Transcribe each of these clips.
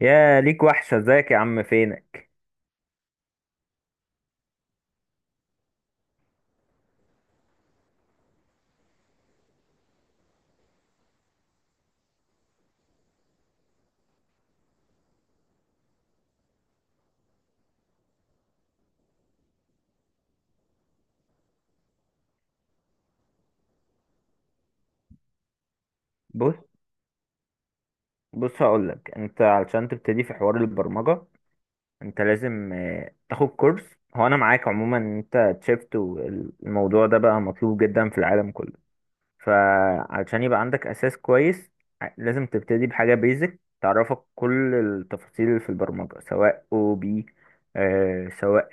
يا ليك وحشة، ازيك يا عم؟ فينك؟ بص بص هقولك انت علشان تبتدي في حوار البرمجة انت لازم تاخد كورس. هو انا معاك عموما ان انت تشيفت، والموضوع ده بقى مطلوب جدا في العالم كله. فعلشان يبقى عندك اساس كويس لازم تبتدي بحاجة بيزك تعرفك كل التفاصيل اللي في البرمجة، سواء او بي سواء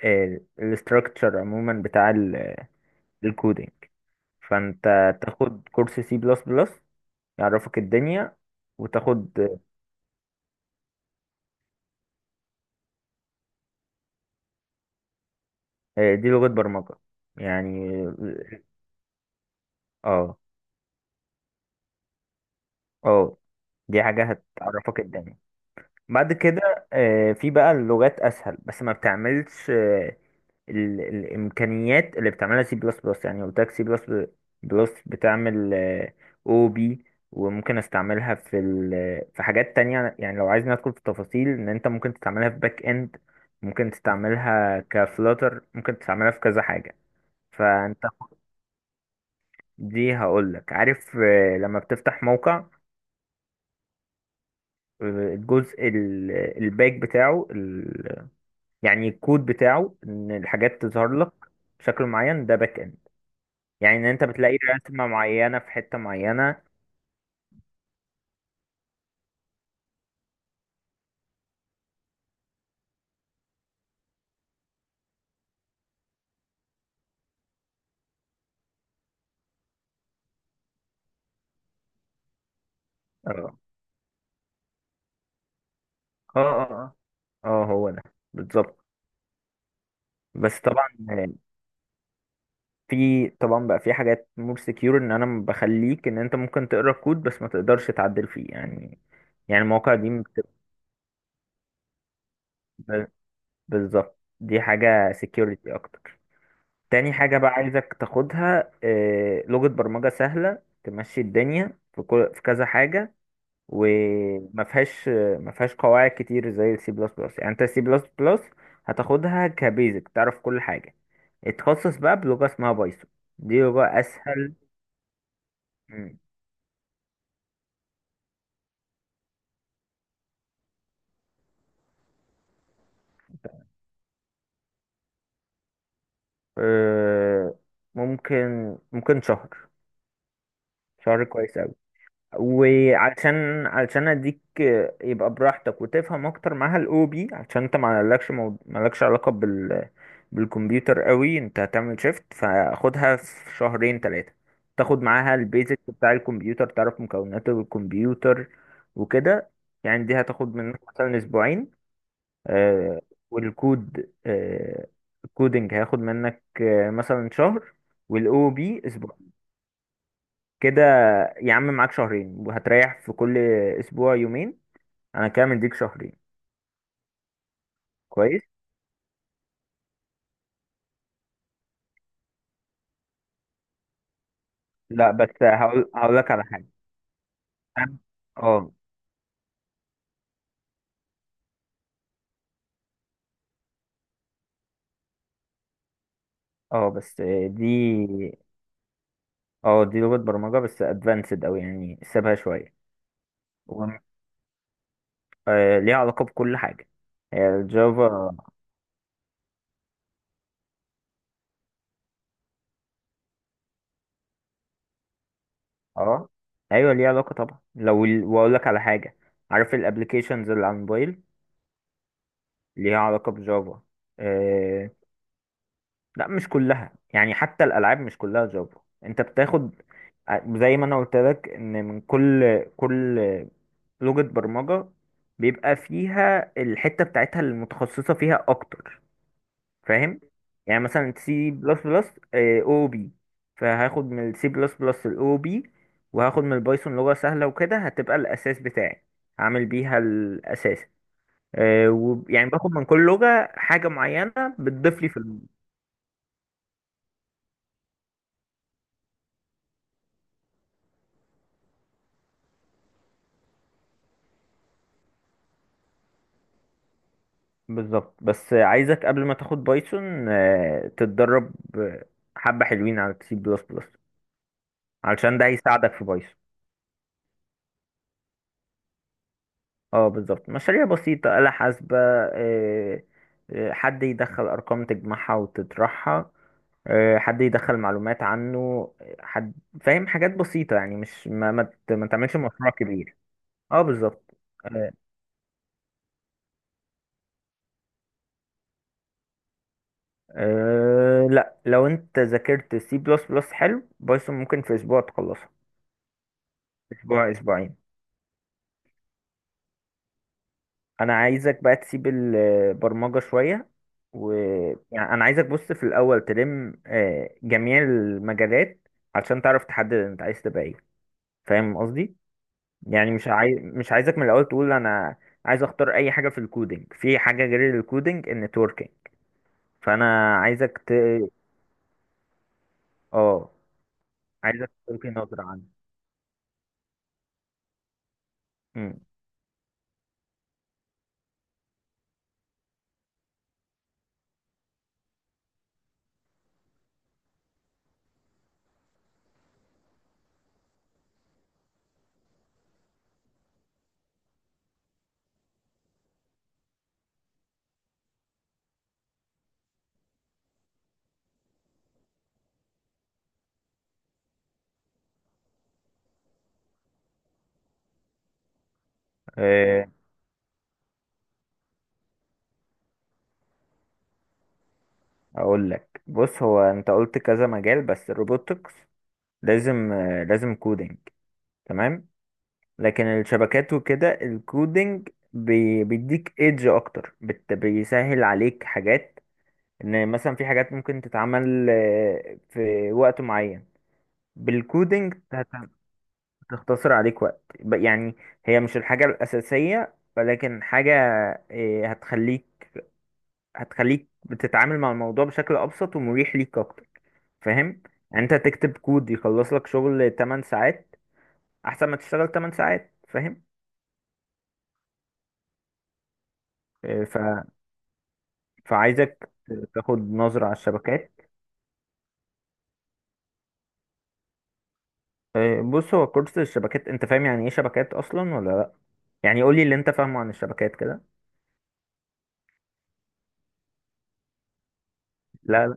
الاستراكتشر عموما بتاع الكودينج. فانت تاخد كورس سي بلس بلس، يعرفك الدنيا. وتاخد دي لغة برمجة يعني. اه. اه، دي حاجة هتعرفك الدنيا. بعد كده في بقى اللغات أسهل، بس ما بتعملش الإمكانيات اللي بتعملها سي بلس بلس. يعني قلت لك سي بلس بلس بتعمل أو بي، وممكن استعملها في حاجات تانية. يعني لو عايز ندخل في تفاصيل، إن أنت ممكن تستعملها في باك إند، ممكن تستعملها كفلاتر، ممكن تستعملها في كذا حاجة. فأنت، دي هقولك. عارف لما بتفتح موقع، الجزء الباك بتاعه يعني الكود بتاعه، ان الحاجات تظهر لك بشكل معين، ده باك اند. يعني ان انت بتلاقي رسمة معينة في حتة معينة. اه اه اه اه اه، هو ده بالظبط. بس طبعا، في طبعا بقى في حاجات مور سكيور، ان انا بخليك ان انت ممكن تقرا الكود بس ما تقدرش تعدل فيه يعني. يعني المواقع دي بتبقى- بالظبط، دي حاجة سكيورتي اكتر. تاني حاجة بقى عايزك تاخدها لغة برمجة سهلة، تمشي الدنيا في كل، في كذا حاجة، وما فيهاش ما فيهاش قواعد كتير زي السي بلس بلس. يعني انت السي بلس بلس هتاخدها كبيزك، تعرف كل حاجة. اتخصص بقى بلغة اسمها بايثون، دي لغة أسهل. مم. آه، ممكن شهر، شهر كويس أوي. علشان اديك يبقى براحتك وتفهم اكتر معاها الاو بي. عشان انت ما لكش ما لكش علاقة بالكمبيوتر قوي، انت هتعمل شيفت، فاخدها في شهرين ثلاثة. تاخد معاها البيزك بتاع الكمبيوتر، تعرف مكونات الكمبيوتر وكده. يعني دي هتاخد منك مثلا اسبوعين. آه والكود، الكودنج هياخد منك مثلا شهر، والاو بي اسبوع كده. يا عم معاك شهرين، وهتريح في كل اسبوع يومين، انا كده مديك شهرين. كويس. لا بس هقول لك على حاجه. أنا- اه. اه بس. دي اه، دي لغه برمجه بس ادفانسد، او يعني سيبها شويه. و... آه ليها علاقه بكل حاجه، هي الجافا. اه ايوه ليها علاقه طبعا. لو واقول لك على حاجه، عارف الابلكيشنز اللي على الموبايل؟ ليها علاقه بجافا. لا مش كلها، يعني حتى الالعاب مش كلها جافا. انت بتاخد زي ما انا قلت لك، ان من كل لغة برمجة بيبقى فيها الحتة بتاعتها المتخصصة فيها اكتر. فاهم؟ يعني مثلا سي بلس بلس او بي، فهاخد من السي بلس بلس الاو بي، وهاخد من البايثون لغة سهلة، وكده هتبقى الاساس بتاعي، هعمل بيها الاساس. يعني باخد من كل لغة حاجة معينة، بتضيف لي في. بالظبط. بس عايزك قبل ما تاخد بايثون تتدرب حبة حلوين على سي بلس بلس، علشان ده هيساعدك في بايثون. اه بالظبط، مشاريع بسيطة، آلة حاسبة، حد يدخل أرقام تجمعها وتطرحها، حد يدخل معلومات عنه، حد، فاهم، حاجات بسيطة يعني، مش ما تعملش مشروع كبير. اه بالظبط. آه، لا، لو انت ذاكرت سي بلس بلس حلو، بايثون ممكن في اسبوع تخلصها. اسبوع اسبوعين. انا عايزك بقى تسيب البرمجة شوية، و يعني انا عايزك، بص، في الاول تلم جميع المجالات علشان تعرف تحدد انت عايز تبقى ايه. فاهم قصدي؟ يعني مش عايزك من الاول تقول انا عايز اختار اي حاجة في الكودينج، في حاجة غير الكودينج، النتوركينج. فانا عايزك اه، عايزك تلقي نظرة عنه. مم. آه، اقول لك، بص، هو انت قلت كذا مجال، بس الروبوتكس لازم لازم كودينج. تمام. لكن الشبكات وكده الكودينج بيديك ايدج اكتر، بيسهل عليك حاجات، ان مثلا في حاجات ممكن تتعمل في وقت معين بالكودينج، هتختصر عليك وقت. يعني هي مش الحاجة الأساسية، ولكن حاجة آه، هتخليك هتخليك بتتعامل مع الموضوع بشكل أبسط ومريح ليك أكتر. فاهم؟ يعني أنت تكتب كود يخلص لك شغل 8 ساعات، أحسن ما تشتغل 8 ساعات. فاهم؟ فعايزك تاخد نظرة على الشبكات. بص، هو كورس الشبكات، انت فاهم يعني ايه شبكات اصلا ولا لا؟ يعني قولي اللي انت فاهمه عن الشبكات كده. لا لا.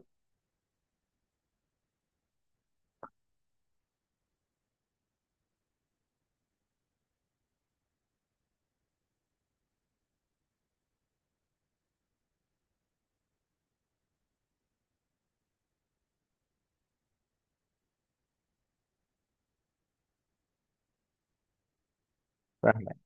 فاهمك.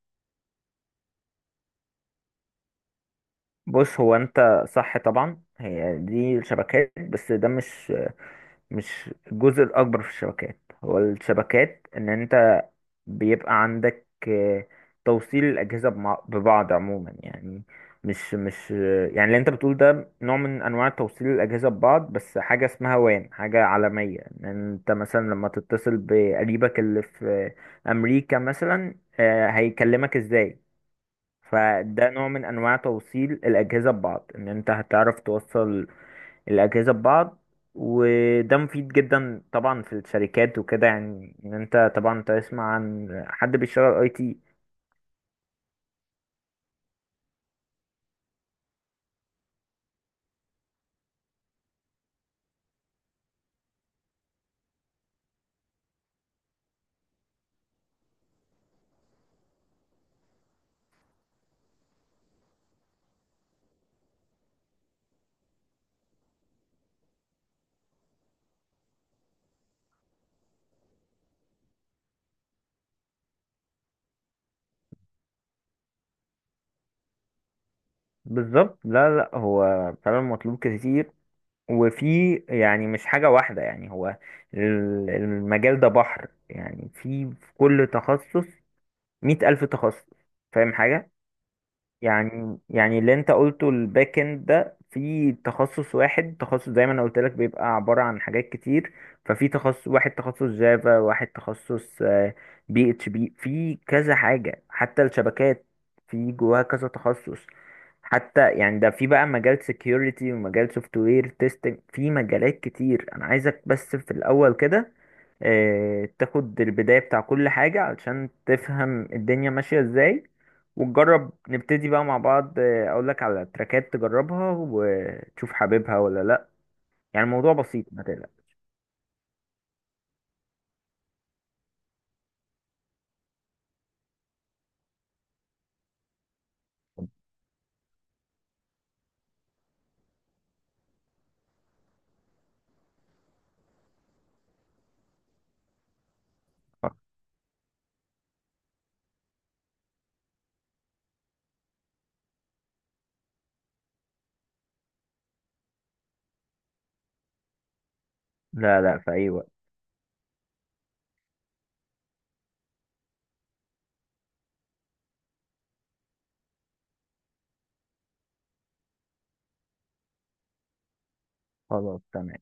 بص، هو انت صح طبعا، هي دي الشبكات، بس ده مش، مش الجزء الاكبر في الشبكات. هو الشبكات ان انت بيبقى عندك توصيل الأجهزة ببعض عموما. يعني مش، يعني اللي انت بتقول ده نوع من انواع توصيل الأجهزة ببعض، بس حاجة اسمها وان، حاجة عالمية، ان انت مثلا لما تتصل بقريبك اللي في أمريكا مثلا، هيكلمك ازاي. فده نوع من انواع توصيل الأجهزة ببعض، ان انت هتعرف توصل الأجهزة ببعض. وده مفيد جدا طبعا في الشركات وكده، يعني ان انت طبعا تسمع عن حد بيشتغل IT. بالظبط. لا لا، هو فعلا مطلوب كتير، وفي، يعني مش حاجة واحدة. يعني هو المجال ده بحر، يعني في، في كل تخصص 100,000 تخصص. فاهم حاجة؟ يعني، يعني اللي انت قلته الباك اند ده، في تخصص واحد، تخصص زي ما انا قلت لك بيبقى عبارة عن حاجات كتير. ففي تخصص واحد، تخصص جافا، واحد تخصص PHP، في كذا حاجة. حتى الشبكات في جواها كذا تخصص. حتى يعني ده في بقى مجال security، ومجال سوفت وير تيستنج، في مجالات كتير. انا عايزك بس في الاول كده تاخد البداية بتاع كل حاجة، علشان تفهم الدنيا ماشية ازاي، وتجرب، نبتدي بقى مع بعض. اقولك على تراكات تجربها وتشوف حاببها ولا لا. يعني الموضوع بسيط، ما تقلق. لا لا، في اي وقت. خلاص، تمام.